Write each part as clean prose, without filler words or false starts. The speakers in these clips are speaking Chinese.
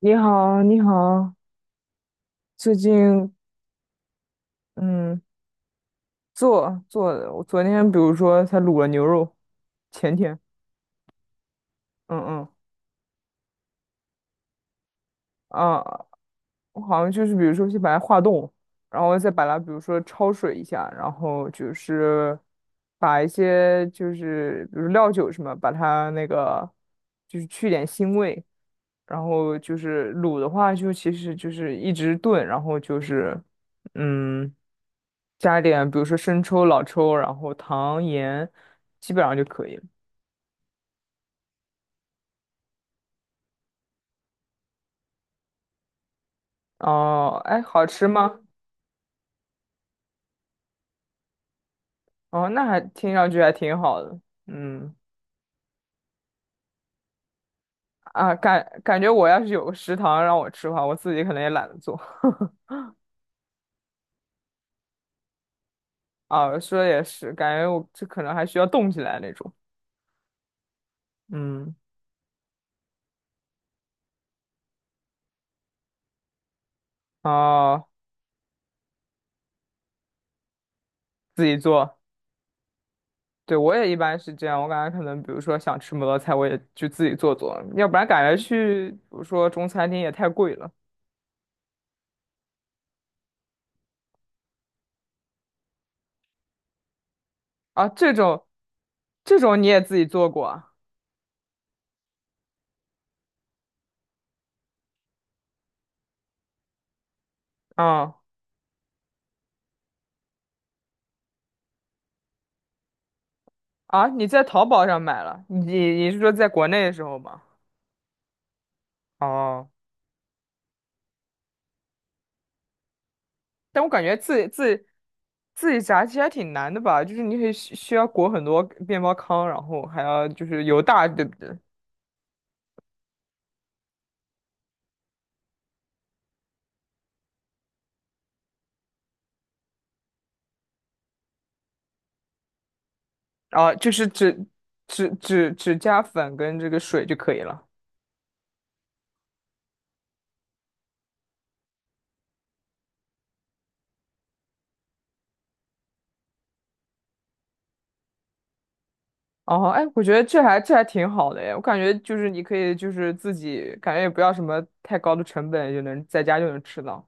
你好，你好，最近嗯做的，我昨天比如说才卤了牛肉，前天，嗯嗯啊，我好像就是比如说先把它化冻，然后再把它比如说焯水一下，然后就是把一些就是比如料酒什么，把它那个就是去点腥味，然后就是卤的话就其实就是一直炖，然后就是。嗯，加点比如说生抽、老抽，然后糖、盐，基本上就可以了。哦，哎，好吃吗？哦，那还听上去还挺好的。嗯感觉我要是有个食堂让我吃的话，我自己可能也懒得做。啊，说的也是，感觉我这可能还需要动起来那种。嗯，哦，自己做，对，我也一般是这样。我感觉可能，比如说想吃摩托菜，我也就自己做做，要不然感觉去，比如说中餐厅也太贵了啊。这种，这种你也自己做过啊？哦啊，你在淘宝上买了？你是说在国内的时候吗？哦，但我感觉自己炸鸡还挺难的吧？就是你得需要裹很多面包糠，然后还要就是油大，对不对？啊，就是只加粉跟这个水就可以了。哦，哎，我觉得这还这还挺好的哎，我感觉就是你可以就是自己感觉也不要什么太高的成本就能在家就能吃到。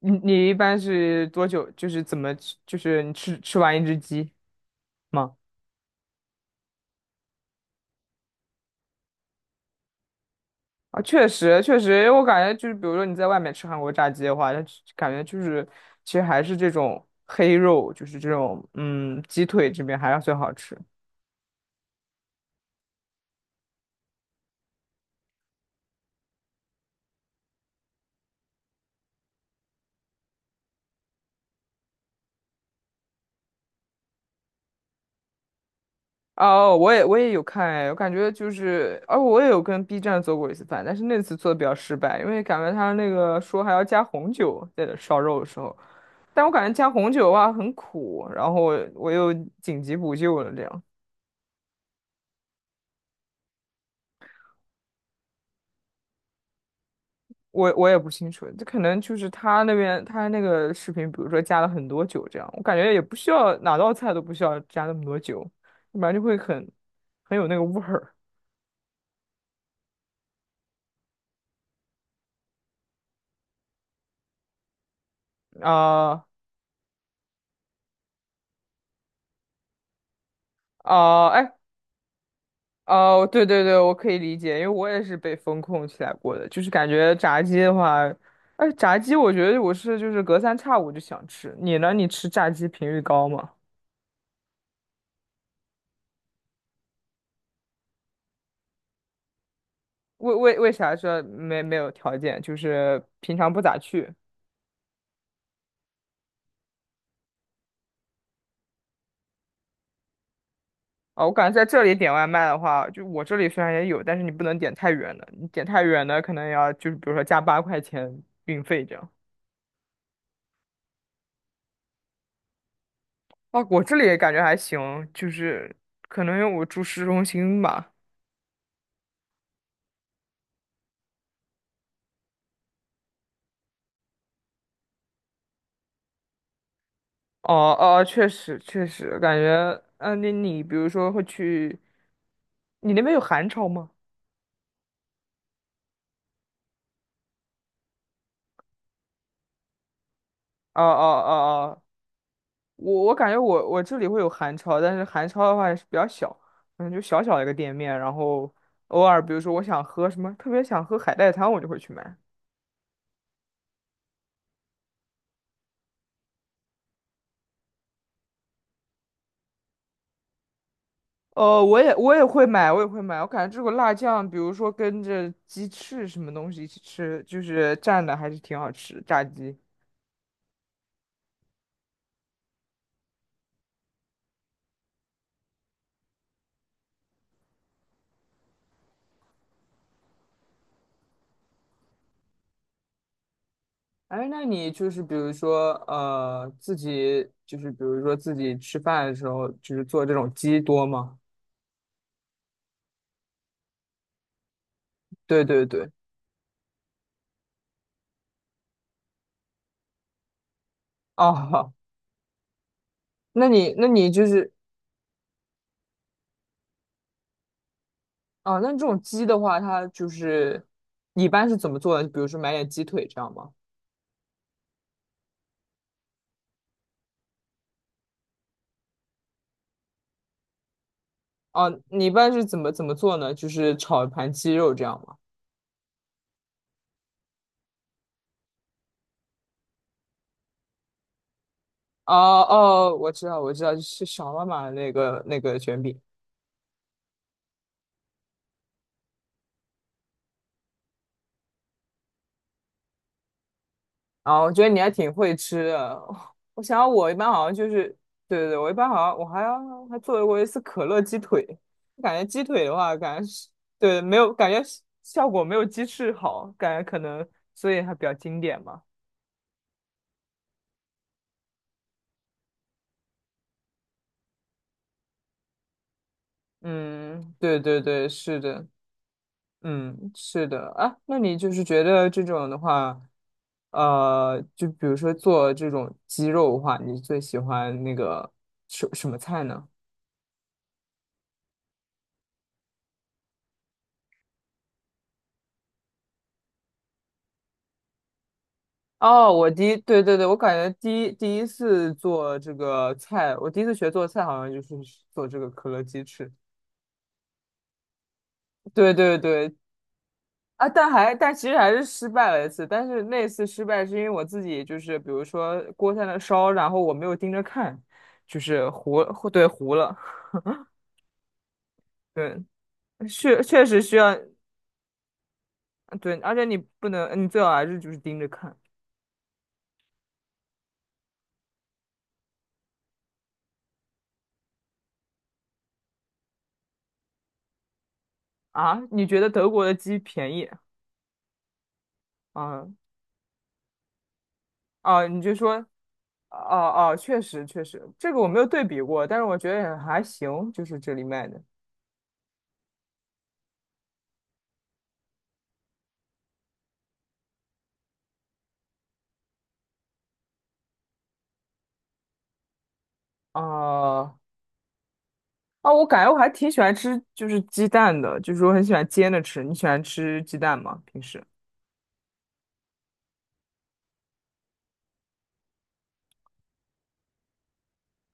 你一般是多久？就是怎么吃？就是你吃完一只鸡吗？啊，确实确实，我感觉就是，比如说你在外面吃韩国炸鸡的话，它就感觉就是，其实还是这种黑肉，就是这种嗯鸡腿这边还是最好吃。哦，我也有看哎，我感觉就是，哦，我也有跟 B 站做过一次饭，但是那次做的比较失败，因为感觉他那个说还要加红酒在这烧肉的时候，但我感觉加红酒的话很苦，然后我又紧急补救了这样。我也不清楚，这可能就是他那边他那个视频，比如说加了很多酒这样，我感觉也不需要哪道菜都不需要加那么多酒，要不然就会很有那个味儿啊啊哎哦对对对，我可以理解，因为我也是被风控起来过的，就是感觉炸鸡的话，哎炸鸡我觉得我是就是隔三差五就想吃，你呢？你吃炸鸡频率高吗？为啥说没有条件？就是平常不咋去。哦，我感觉在这里点外卖的话，就我这里虽然也有，但是你不能点太远的，你点太远的可能要就是比如说加8块钱运费这样。啊，我这里也感觉还行，就是可能因为我住市中心吧。哦哦，确实确实，感觉嗯，你比如说会去，你那边有韩超吗？哦哦哦哦我感觉我这里会有韩超，但是韩超的话也是比较小，嗯，就小小一个店面，然后偶尔比如说我想喝什么，特别想喝海带汤，我就会去买。哦，我也会买，我也会买。我感觉这个辣酱，比如说跟着鸡翅什么东西一起吃，就是蘸的还是挺好吃，炸鸡。哎，那你就是比如说自己就是比如说自己吃饭的时候，就是做这种鸡多吗？对对对。哦，那你那你就是哦，那这种鸡的话，它就是你一般是怎么做呢？比如说买点鸡腿这样吗？哦、你一般是怎么做呢？就是炒一盘鸡肉这样吗？哦哦，我知道我知道，就是小妈妈的那个卷饼啊，我觉得你还挺会吃的。我想我一般好像就是，对对对，我一般好像我还要还做过一次可乐鸡腿，感觉鸡腿的话，感觉是对没有感觉效果没有鸡翅好，感觉可能所以还比较经典吧。嗯，对对对，是的，嗯，是的啊。那你就是觉得这种的话，就比如说做这种鸡肉的话，你最喜欢那个什么菜呢？哦，我第一，对对对，我感觉第一次做这个菜，我第一次学做菜好像就是做这个可乐鸡翅。对对对，啊，但还但其实还是失败了一次，但是那次失败是因为我自己就是比如说锅在那烧，然后我没有盯着看，就是糊了，对，确确实需要对，而且你不能，你最好还是就是盯着看啊。你觉得德国的鸡便宜啊？你就说哦哦，确实确实，这个我没有对比过，但是我觉得也还行，就是这里卖的啊。啊，我感觉我还挺喜欢吃，就是鸡蛋的，就是我很喜欢煎着吃。你喜欢吃鸡蛋吗？平时？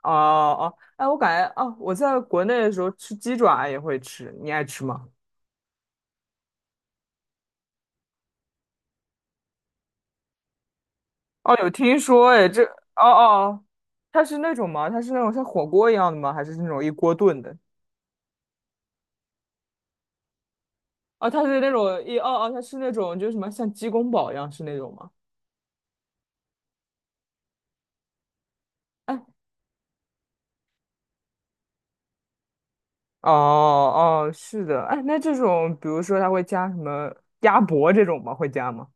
哦哦，哎，我感觉哦，我在国内的时候吃鸡爪也会吃，你爱吃吗？哦，有听说哎，这哦哦，它是那种吗？它是那种像火锅一样的吗？还是那种一锅炖的？哦，它是那种一哦哦，它是那种就是什么像鸡公煲一样是那种吗？哎，哦哦，是的，哎，那这种比如说它会加什么鸭脖这种吗？会加吗？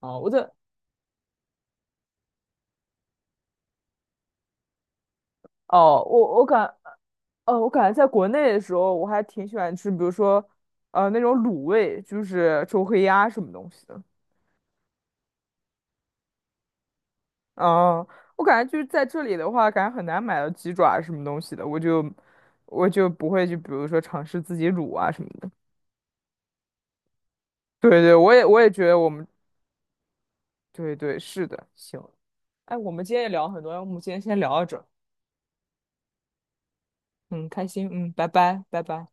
哦，我在。哦，我感觉在国内的时候，我还挺喜欢吃，比如说，那种卤味，就是周黑鸭什么东西的。嗯，我感觉就是在这里的话，感觉很难买到鸡爪什么东西的，我就不会去，比如说尝试自己卤啊什么的。对对，我也觉得我们对对是的，行。哎，我们今天也聊了很多，要不我们今天先聊到这儿嗯，开心，嗯，拜拜，拜拜。